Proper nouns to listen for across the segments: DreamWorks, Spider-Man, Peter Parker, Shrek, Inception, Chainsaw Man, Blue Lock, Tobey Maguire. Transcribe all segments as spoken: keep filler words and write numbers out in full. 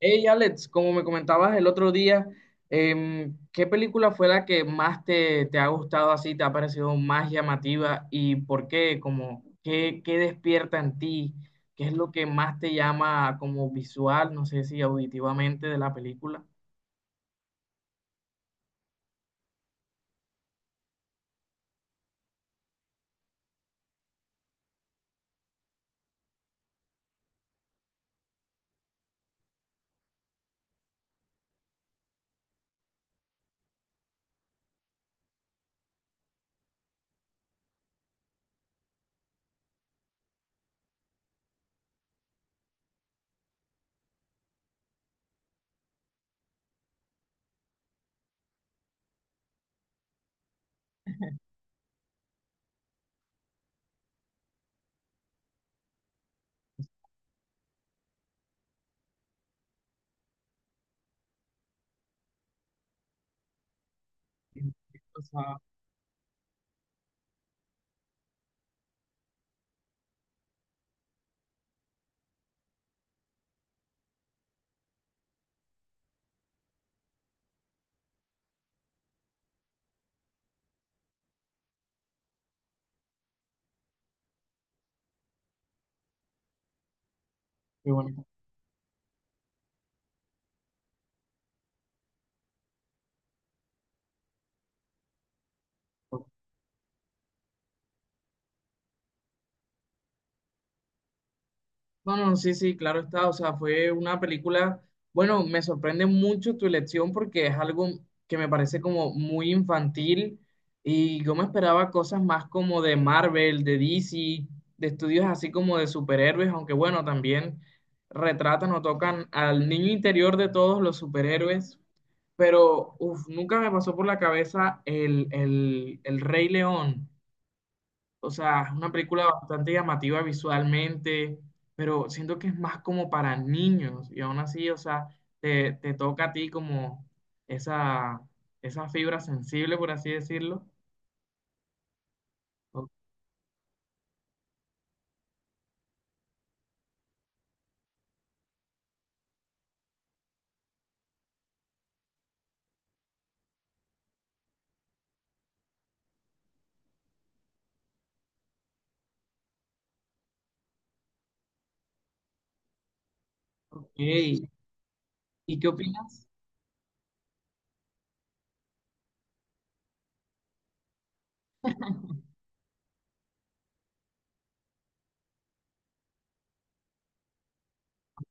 Hey Alex, como me comentabas el otro día, em, ¿qué película fue la que más te, te ha gustado así, te ha parecido más llamativa y por qué? Como, ¿qué, qué despierta en ti? ¿Qué es lo que más te llama como visual, no sé si auditivamente de la película? O sea, qué bonito. No, no, sí, sí, claro está. O sea, fue una película, bueno, me sorprende mucho tu elección porque es algo que me parece como muy infantil y yo me esperaba cosas más como de Marvel, de D C, de estudios así como de superhéroes, aunque bueno, también retratan o tocan al niño interior de todos los superhéroes, pero uf, nunca me pasó por la cabeza el, el, el Rey León. O sea, es una película bastante llamativa visualmente, pero siento que es más como para niños y aún así, o sea, te, te toca a ti como esa, esa fibra sensible, por así decirlo. O- Ok. ¿Y qué opinas?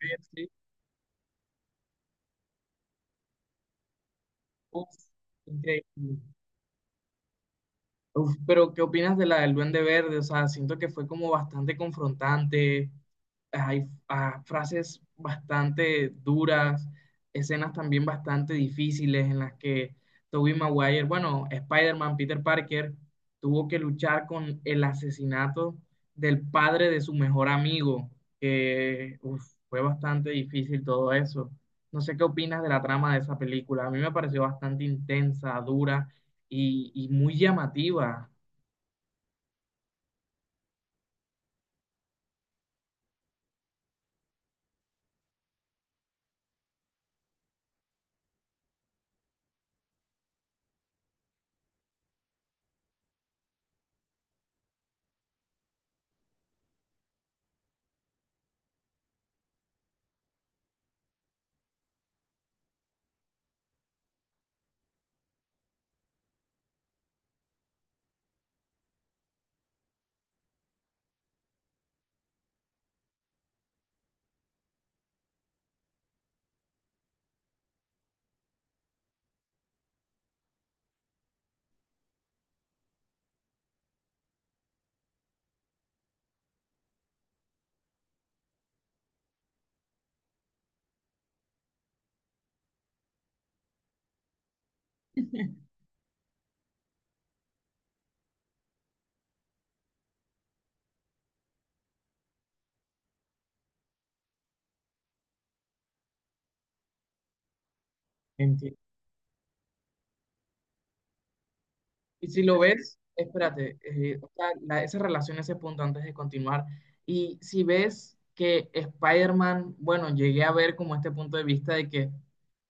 Sí, sí. Uf, increíble. Uf, pero ¿qué opinas de la del Duende Verde? O sea, siento que fue como bastante confrontante, hay ah, frases bastante duras, escenas también bastante difíciles en las que Tobey Maguire, bueno, Spider-Man, Peter Parker, tuvo que luchar con el asesinato del padre de su mejor amigo, que uf, fue bastante difícil todo eso. No sé qué opinas de la trama de esa película. A mí me pareció bastante intensa, dura y, y muy llamativa. Enti- Y si lo ves, espérate, eh, o sea, la- esa relación, ese punto antes de continuar. Y si ves que Spider-Man, bueno, llegué a ver como este punto de vista de que,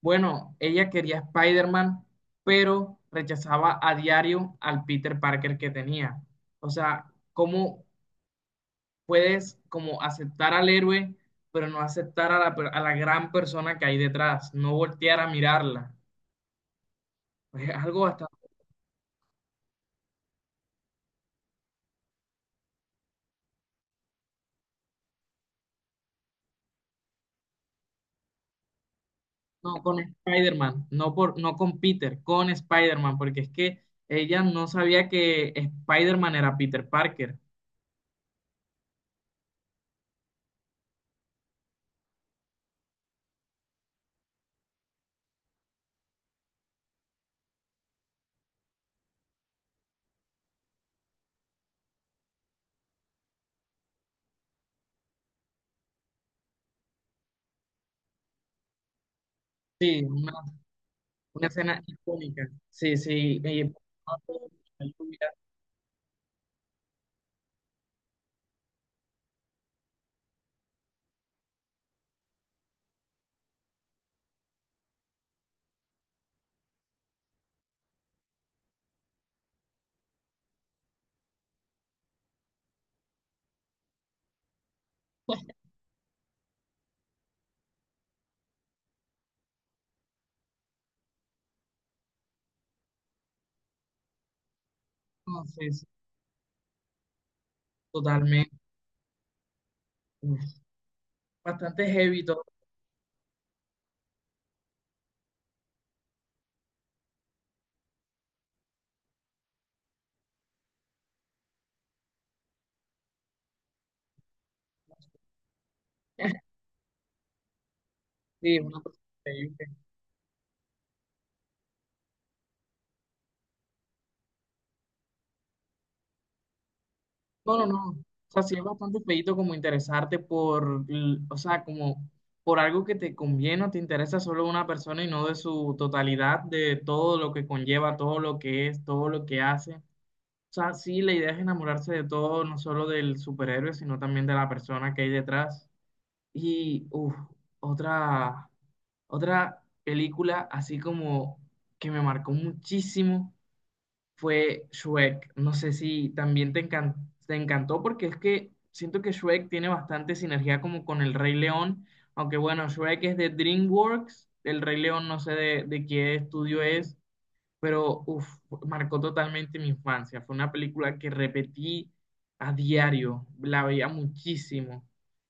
bueno, ella quería a Spider-Man, pero rechazaba a diario al Peter Parker que tenía. O sea, ¿cómo puedes como aceptar al héroe, pero no aceptar a la, per- a la gran persona que hay detrás? No voltear a mirarla. Es algo. No con Spider-Man, no, por, no con Peter, con Spider-Man, porque es que ella no sabía que Spider-Man era Peter Parker. Sí, una, una escena icónica. Sí, sí. eh, no, sí, sí, totalmente. Bastante heavy todo. Sí, una cosa increíble. No, no, no. O sea, sí es bastante feíto como interesarte por, l- o sea, como por algo que te conviene o te interesa solo una persona y no de su totalidad, de todo lo que conlleva, todo lo que es, todo lo que hace. O sea, sí, la idea es enamorarse de todo, no solo del superhéroe, sino también de la persona que hay detrás. Y, uff, otra, otra película así como que me marcó muchísimo fue Shrek. No sé si también te encan- te encantó porque es que siento que Shrek tiene bastante sinergia como con el Rey León, aunque bueno, Shrek es de DreamWorks, el Rey León no sé de, de qué estudio es, pero uf, marcó totalmente mi infancia. Fue una película que repetí a diario, la veía muchísimo.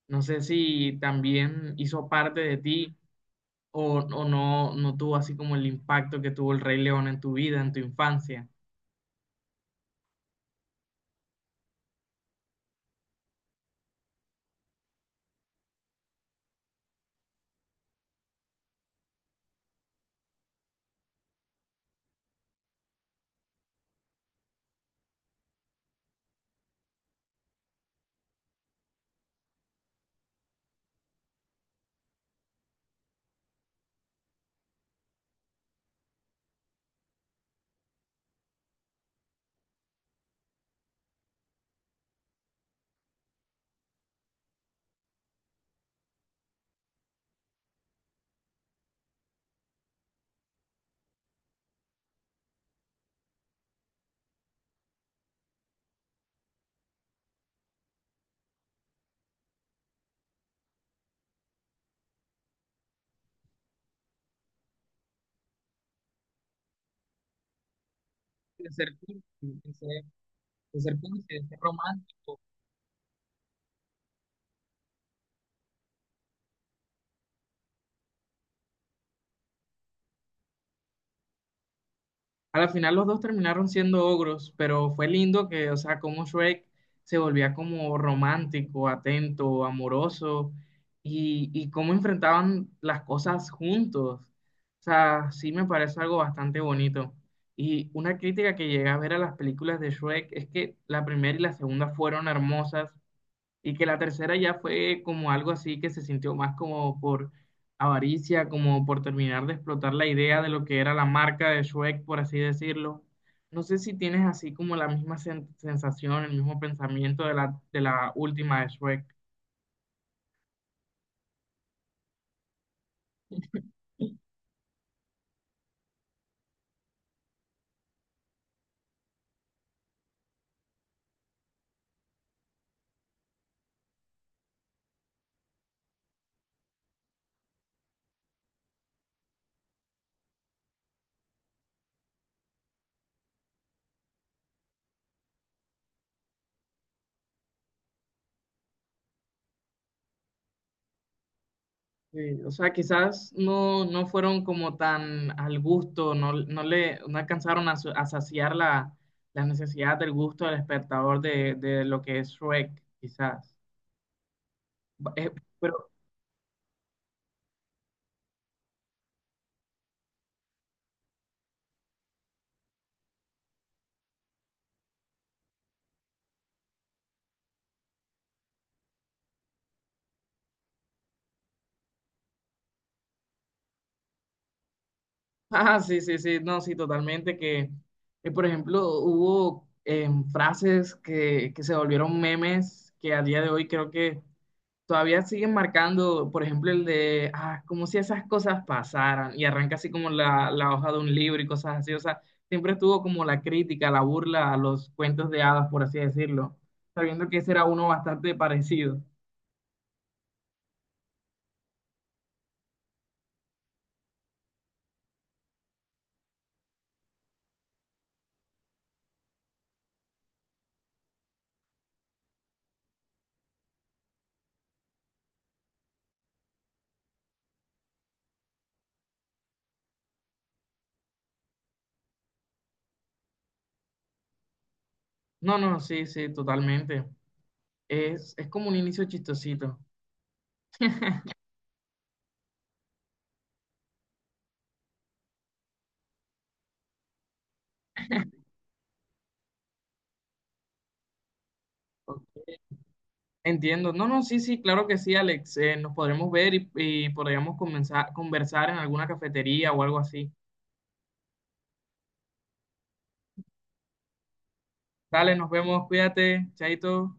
No sé si también hizo parte de ti o, o no, no tuvo así como el impacto que tuvo el Rey León en tu vida, en tu infancia. De ser cursi, de ser, de ser cursi, de ser romántico. A la final los dos terminaron siendo ogros, pero fue lindo que, o sea, como Shrek se volvía como romántico, atento, amoroso, y, y cómo enfrentaban las cosas juntos. O sea, sí me parece algo bastante bonito. Y una crítica que llegué a ver a las películas de Shrek es que la primera y la segunda fueron hermosas, y que la tercera ya fue como algo así que se sintió más como por avaricia, como por terminar de explotar la idea de lo que era la marca de Shrek, por así decirlo. No sé si tienes así como la misma sen- sensación, el mismo pensamiento de la, de la última de Shrek. Sí, o sea, quizás no, no fueron como tan al gusto, no, no le no alcanzaron a, su- a saciar la, la necesidad del gusto del espectador de, de lo que es Shrek, quizás. Eh, pero ah, sí, sí, sí, no, sí, totalmente que, que, por ejemplo, hubo em, frases que, que se volvieron memes que a día de hoy creo que todavía siguen marcando, por ejemplo, el de, ah, como si esas cosas pasaran y arranca así como la, la hoja de un libro y cosas así, o sea, siempre estuvo como la crítica, la burla a los cuentos de hadas, por así decirlo, sabiendo que ese era uno bastante parecido. No, no, sí, sí, totalmente. Es, es como un inicio chistosito. Entiendo. No, no, sí, sí, claro que sí, Alex. Eh, nos podremos ver y, y podríamos comenzar, conversar en alguna cafetería o algo así. Dale, nos vemos, cuídate, chaito.